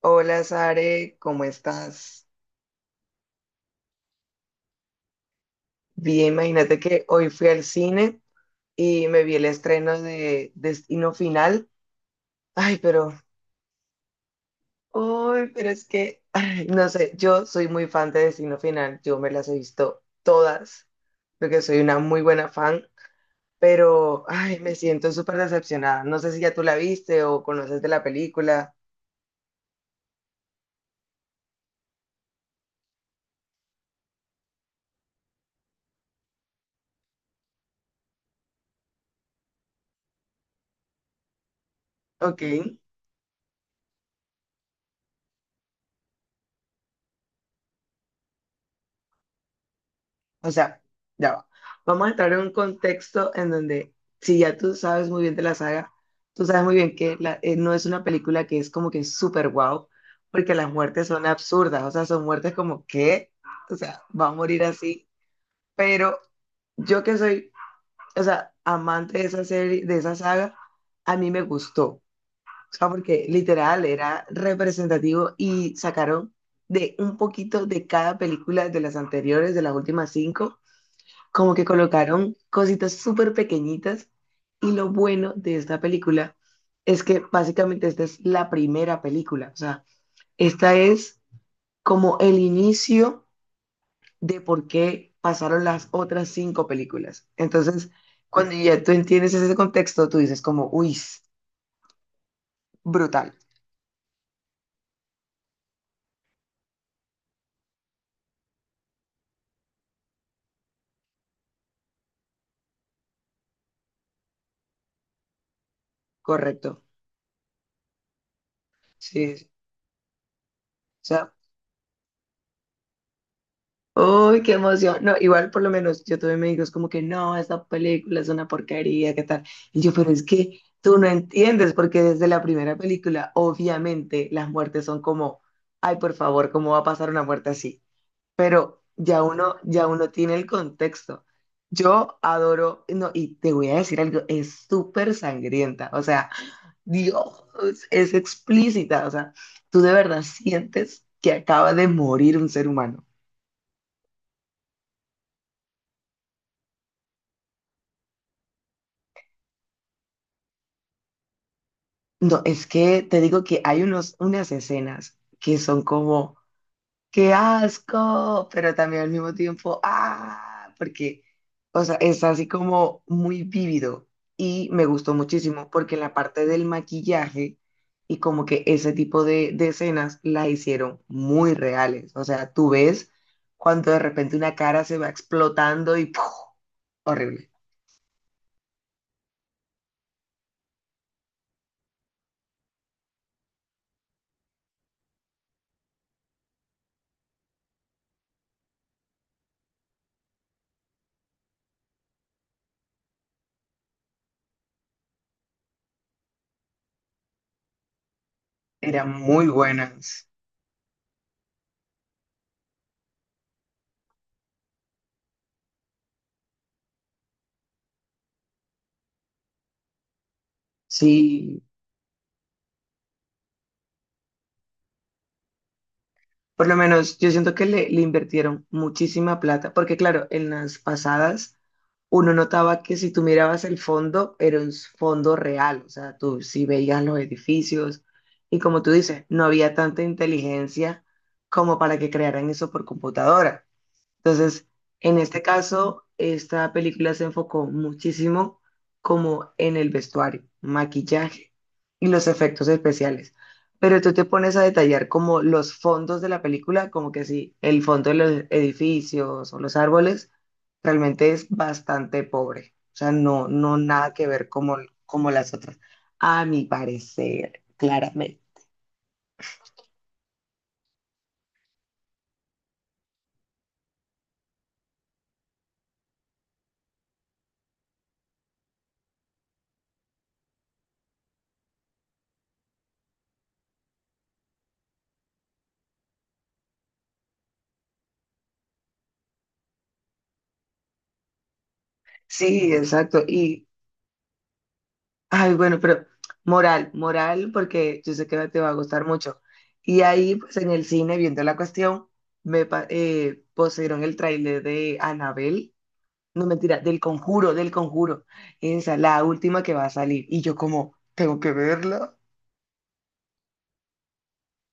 Hola Sare, ¿cómo estás? Bien, imagínate que hoy fui al cine y me vi el estreno de Destino Final. Ay, pero, ay, pero es que, ay, no sé, yo soy muy fan de Destino Final, yo me las he visto todas, porque soy una muy buena fan, pero, ay, me siento súper decepcionada. No sé si ya tú la viste o conoces de la película. Ok. O sea, ya va. Vamos a entrar en un contexto en donde, si ya tú sabes muy bien de la saga, tú sabes muy bien que no es una película que es como que súper guau, porque las muertes son absurdas, o sea, son muertes como que, o sea, va a morir así, pero yo que soy, o sea, amante de esa serie, de esa saga, a mí me gustó, o sea, porque literal era representativo y sacaron de un poquito de cada película de las anteriores, de las últimas cinco, como que colocaron cositas súper pequeñitas. Y lo bueno de esta película es que básicamente esta es la primera película, o sea, esta es como el inicio de por qué pasaron las otras cinco películas. Entonces, cuando ya tú entiendes ese contexto, tú dices como, uy, brutal, correcto. Sí, sí. O sea, uy, qué emoción. No, igual por lo menos yo tuve amigos como que no, esta película es una porquería, ¿qué tal? Y yo, pero es que tú no entiendes, porque desde la primera película, obviamente, las muertes son como, ay, por favor, ¿cómo va a pasar una muerte así? Pero ya uno tiene el contexto. Yo adoro, no, y te voy a decir algo, es súper sangrienta, o sea, Dios, es explícita, o sea, tú de verdad sientes que acaba de morir un ser humano. No, es que te digo que hay unos, unas escenas que son como, ¡qué asco! Pero también al mismo tiempo, ¡ah! Porque, o sea, es así como muy vívido y me gustó muchísimo porque la parte del maquillaje y como que ese tipo de escenas la hicieron muy reales. O sea, tú ves cuando de repente una cara se va explotando y ¡puf! Horrible. Eran muy buenas. Sí. Por lo menos yo siento que le invirtieron muchísima plata, porque claro, en las pasadas uno notaba que si tú mirabas el fondo, era un fondo real, o sea, tú sí veías los edificios, y como tú dices, no había tanta inteligencia como para que crearan eso por computadora. Entonces, en este caso, esta película se enfocó muchísimo como en el vestuario, maquillaje y los efectos especiales. Pero tú te pones a detallar como los fondos de la película, como que sí, el fondo de los edificios o los árboles realmente es bastante pobre. O sea, no, no nada que ver como, como las otras, a mi parecer, claramente. Sí, exacto. Y, ay, bueno, pero moral, moral, porque yo sé que te va a gustar mucho. Y ahí, pues en el cine, viendo la cuestión, pusieron el tráiler de Anabel, no mentira, del Conjuro, del Conjuro. Esa, la última que va a salir. Y yo como, tengo que verla.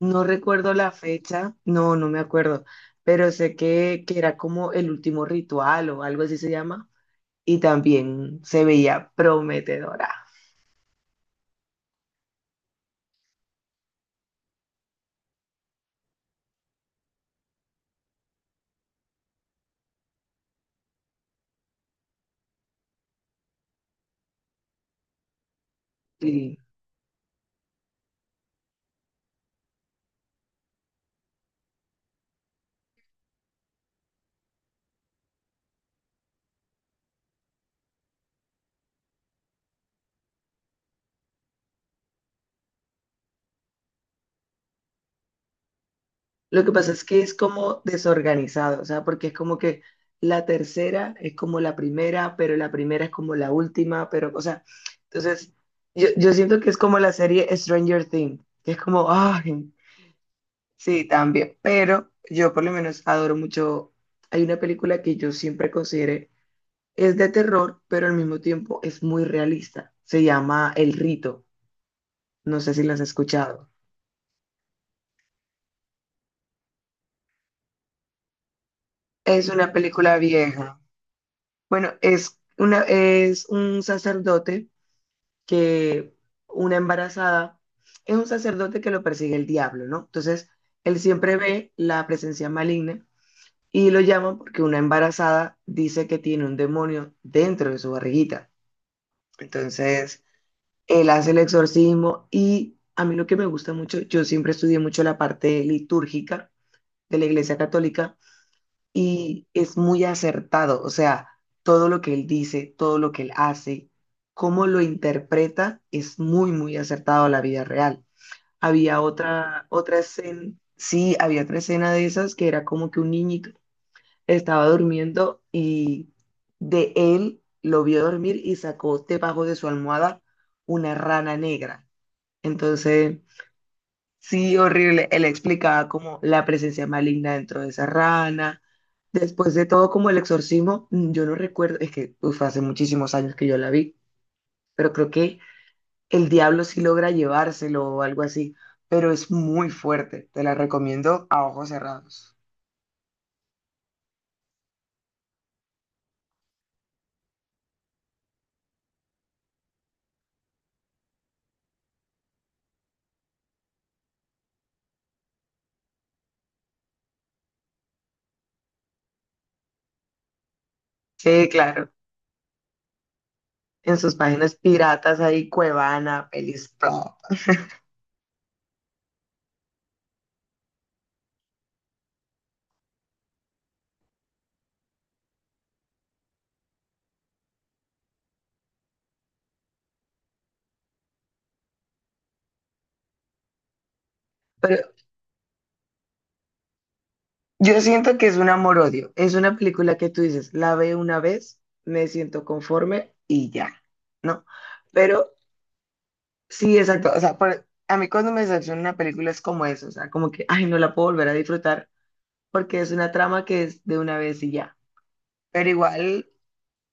No recuerdo la fecha, no, no me acuerdo, pero sé que era como el último ritual o algo así se llama. Y también se veía prometedora. Sí. Lo que pasa es que es como desorganizado, o sea, porque es como que la tercera es como la primera, pero la primera es como la última, pero, o sea, entonces yo siento que es como la serie Stranger Things, que es como, ay, sí, también, pero yo por lo menos adoro mucho, hay una película que yo siempre consideré, es de terror, pero al mismo tiempo es muy realista, se llama El Rito, no sé si la has escuchado, es una película vieja. Bueno, que una embarazada, es un sacerdote que lo persigue el diablo, ¿no? Entonces, él siempre ve la presencia maligna y lo llama porque una embarazada dice que tiene un demonio dentro de su barriguita. Entonces, él hace el exorcismo y a mí lo que me gusta mucho, yo siempre estudié mucho la parte litúrgica de la Iglesia Católica, y es muy acertado, o sea, todo lo que él dice, todo lo que él hace, cómo lo interpreta, es muy, muy acertado a la vida real. Había otra escena, sí, había otra escena de esas que era como que un niñito estaba durmiendo, y de él lo vio dormir y sacó debajo de su almohada una rana negra. Entonces, sí, horrible. Él explicaba como la presencia maligna dentro de esa rana. Después de todo, como el exorcismo, yo no recuerdo, es que uf, hace muchísimos años que yo la vi, pero creo que el diablo sí logra llevárselo o algo así, pero es muy fuerte. Te la recomiendo a ojos cerrados. Sí, claro, en sus páginas piratas hay Cuevana, Pelis, todo. Pero yo siento que es un amor-odio. Es una película que tú dices, la veo una vez, me siento conforme y ya, ¿no? Pero sí, exacto. O sea, a mí cuando me decepciona una película es como eso, o sea, como que, ay, no la puedo volver a disfrutar porque es una trama que es de una vez y ya. Pero igual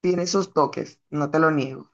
tiene sus toques, no te lo niego.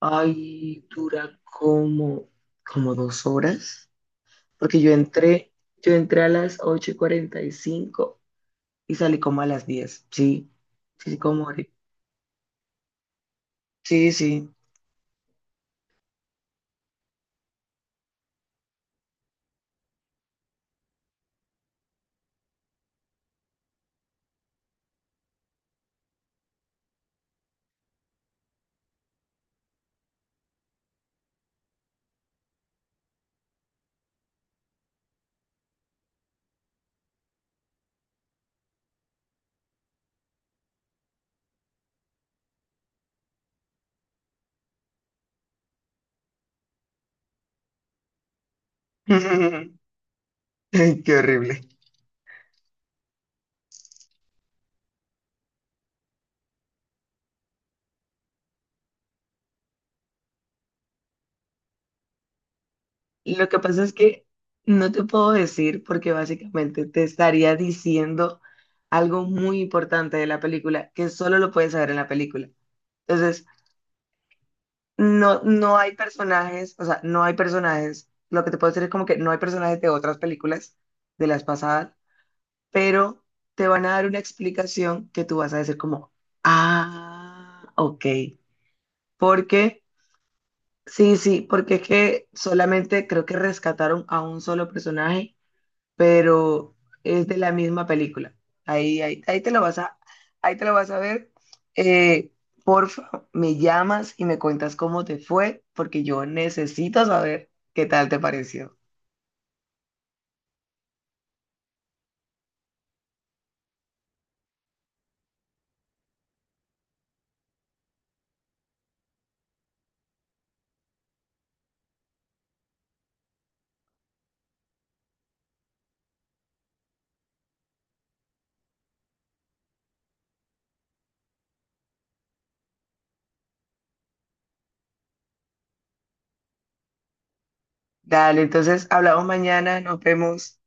Ay, dura como, como 2 horas, porque yo entré a las 8:45, y salí como a las 10. Sí, sí, sí, sí, sí. Ay, qué horrible. Lo que pasa es que no te puedo decir porque básicamente te estaría diciendo algo muy importante de la película que solo lo puedes saber en la película. Entonces, no, no hay personajes, o sea, no hay personajes. Lo que te puedo decir es como que no hay personajes de otras películas de las pasadas, pero te van a dar una explicación que tú vas a decir como, ah, ok. Porque, sí, sí, porque es que solamente creo que rescataron a un solo personaje, pero es de la misma película. Ahí, ahí, ahí te lo vas a, ahí te lo vas a ver. Eh, Porfa, me llamas y me cuentas cómo te fue, porque yo necesito saber qué tal te pareció. Dale, entonces hablamos mañana, nos vemos.